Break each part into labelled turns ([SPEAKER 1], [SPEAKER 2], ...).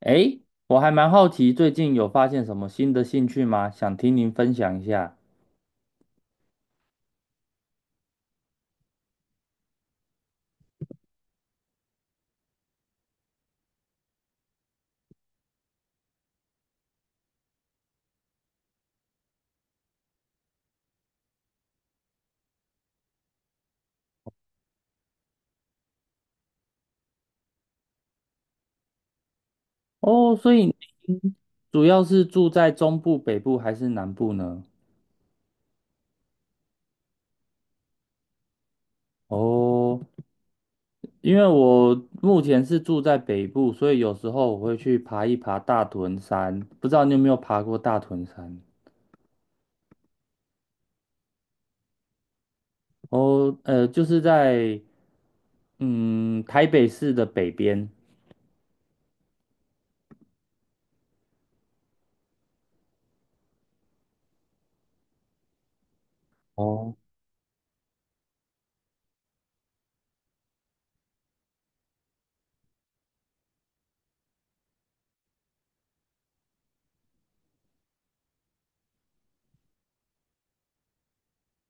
[SPEAKER 1] 诶，我还蛮好奇，最近有发现什么新的兴趣吗？想听您分享一下。哦，所以你主要是住在中部、北部还是南部呢？哦，因为我目前是住在北部，所以有时候我会去爬一爬大屯山。不知道你有没有爬过大屯山？哦，就是在台北市的北边。哦，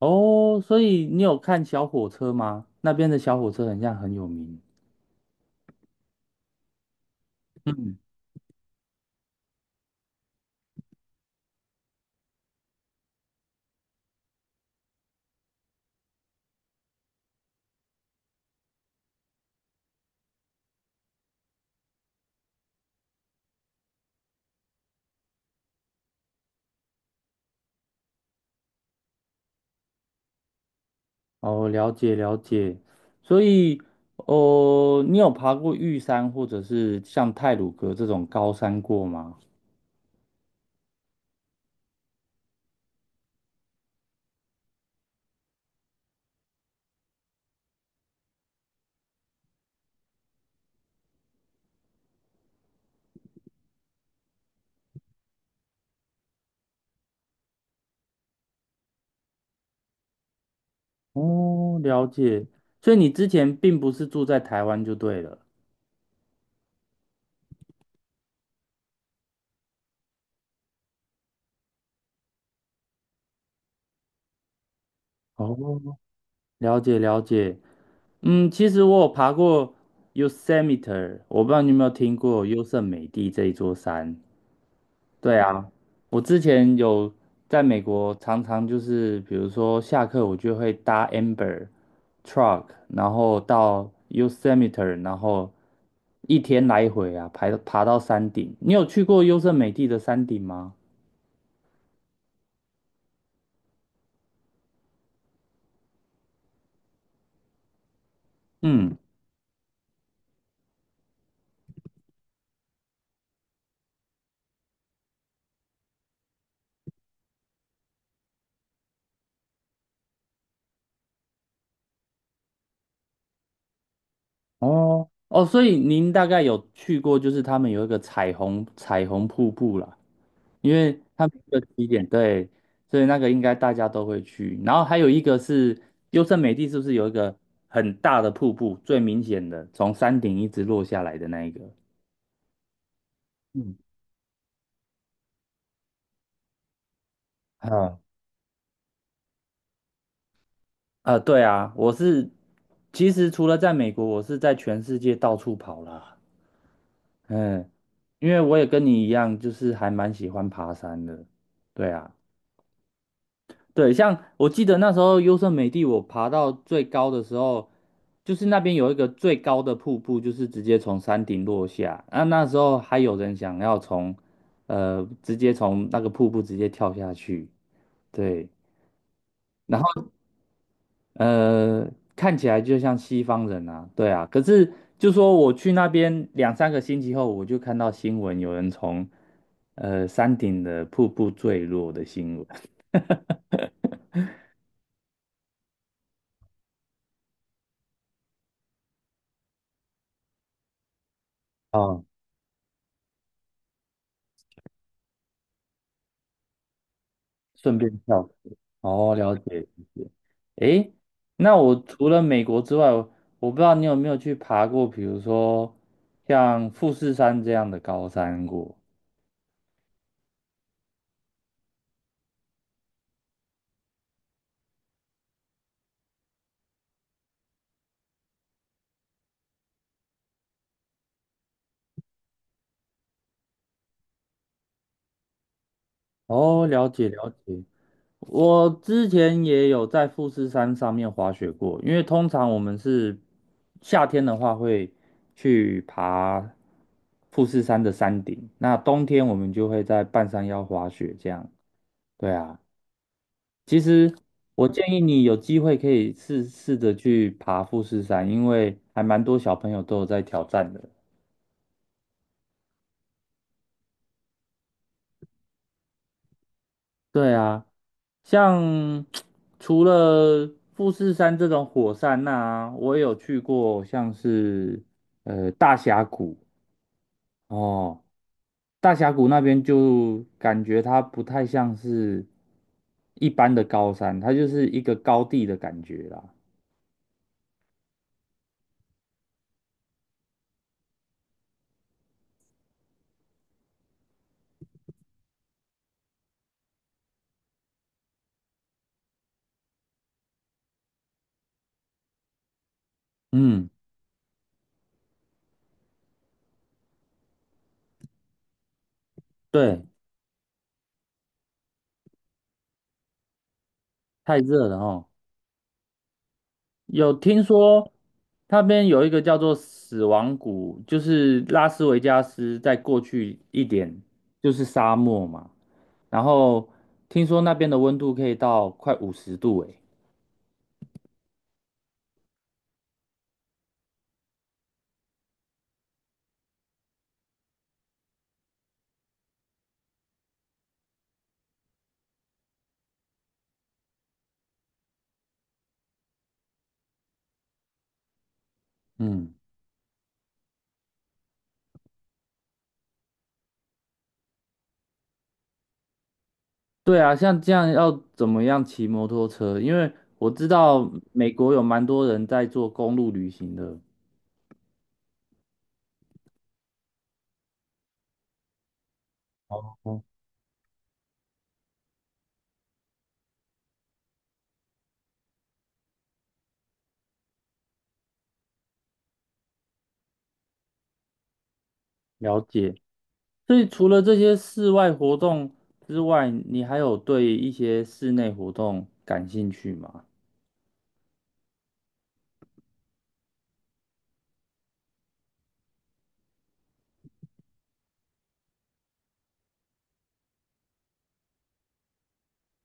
[SPEAKER 1] 哦，所以你有看小火车吗？那边的小火车很像很有名。嗯。哦，了解了解，所以，哦，你有爬过玉山或者是像太鲁阁这种高山过吗？哦，了解，所以你之前并不是住在台湾就对了。哦，了解了解，嗯，其实我有爬过 Yosemite,我不知道你有没有听过优胜美地这一座山。对啊，我之前有在美国，常常就是比如说下课，我就会搭 Amber truck,然后到 Yosemite,然后一天来回啊，爬到山顶。你有去过优胜美地的山顶吗？嗯，哦哦，所以您大概有去过，就是他们有一个彩虹瀑布啦。因为它每个起点对，所以那个应该大家都会去。然后还有一个是优胜美地，是不是有一个很大的瀑布，最明显的从山顶一直落下来的那一个？嗯，啊，对啊，我是其实除了在美国，我是在全世界到处跑啦。嗯，因为我也跟你一样，就是还蛮喜欢爬山的。对啊，对，像我记得那时候优胜美地，我爬到最高的时候，就是那边有一个最高的瀑布，就是直接从山顶落下。那时候还有人想要从，直接从那个瀑布直接跳下去。对，然后呃，看起来就像西方人啊，对啊。可是就说我去那边两三个星期后，我就看到新闻有人从山顶的瀑布坠落的新闻。哦顺便跳舞。哦，了解了解。诶，那我除了美国之外，我不知道你有没有去爬过，比如说像富士山这样的高山过。哦，了解了解。我之前也有在富士山上面滑雪过，因为通常我们是夏天的话会去爬富士山的山顶，那冬天我们就会在半山腰滑雪这样。对啊。其实我建议你有机会可以试试着去爬富士山，因为还蛮多小朋友都有在挑战的。对啊，像 除了富士山这种火山呐、我也有去过，像是大峡谷哦，大峡谷那边就感觉它不太像是一般的高山，它就是一个高地的感觉啦。嗯，对，太热了哦。有听说那边有一个叫做死亡谷，就是拉斯维加斯在过去一点就是沙漠嘛，然后听说那边的温度可以到快50度诶。嗯，对啊，像这样要怎么样骑摩托车？因为我知道美国有蛮多人在做公路旅行的。哦，了解。所以除了这些室外活动之外，你还有对一些室内活动感兴趣吗？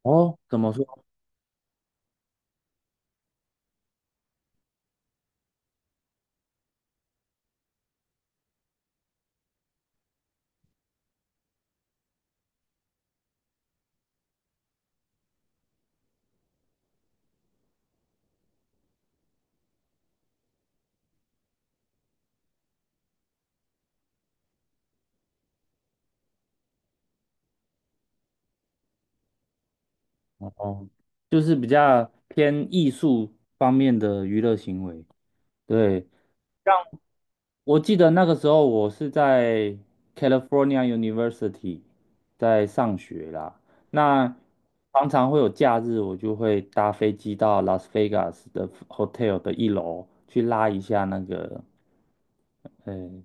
[SPEAKER 1] 哦，怎么说？哦，就是比较偏艺术方面的娱乐行为。对，我记得那个时候我是在 California University 在上学啦，那常常会有假日，我就会搭飞机到 Las Vegas 的 hotel 的一楼去拉一下那个，呃，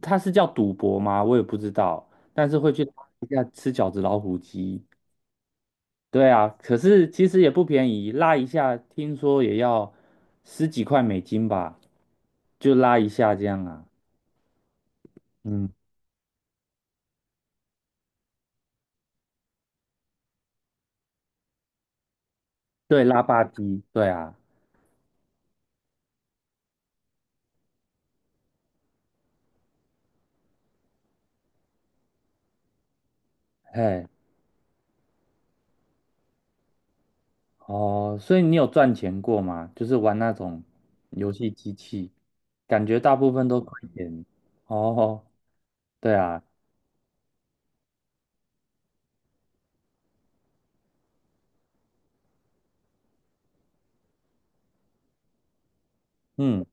[SPEAKER 1] 它是叫赌博吗？我也不知道，但是会去拉一下吃饺子老虎机。对啊，可是其实也不便宜，拉一下听说也要十几块美金吧，就拉一下这样啊。嗯，对，拉霸机，对啊，嘿，哦，所以你有赚钱过吗？就是玩那种游戏机器，感觉大部分都亏钱。哦，对啊，嗯，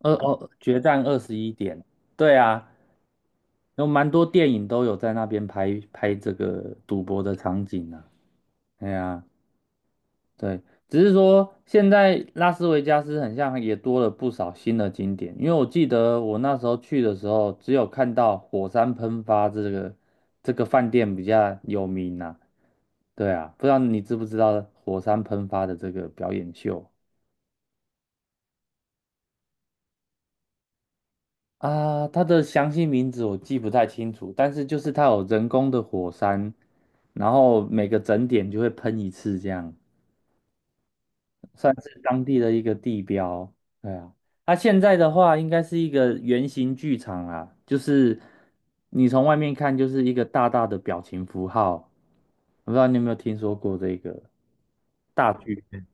[SPEAKER 1] 哦，决战21点，对啊，有蛮多电影都有在那边拍拍这个赌博的场景啊。哎啊。对，只是说现在拉斯维加斯很像也多了不少新的景点，因为我记得我那时候去的时候，只有看到火山喷发这个饭店比较有名呐、对啊，不知道你知不知道火山喷发的这个表演秀啊？它的详细名字我记不太清楚，但是就是它有人工的火山，然后每个整点就会喷一次这样。算是当地的一个地标。对啊，它现在的话应该是一个圆形剧场啊，就是你从外面看就是一个大大的表情符号，我不知道你有没有听说过这个大剧院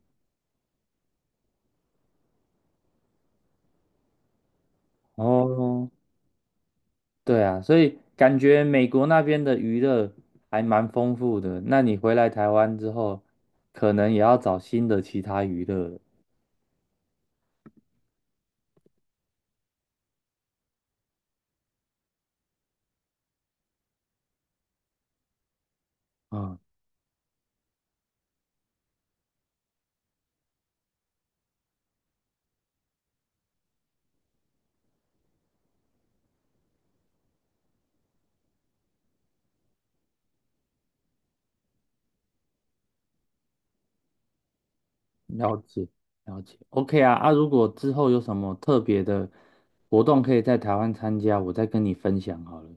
[SPEAKER 1] 哦，对啊，所以感觉美国那边的娱乐还蛮丰富的。那你回来台湾之后，可能也要找新的其他娱乐了。嗯。了解了解，OK 啊啊！如果之后有什么特别的活动可以在台湾参加，我再跟你分享好了。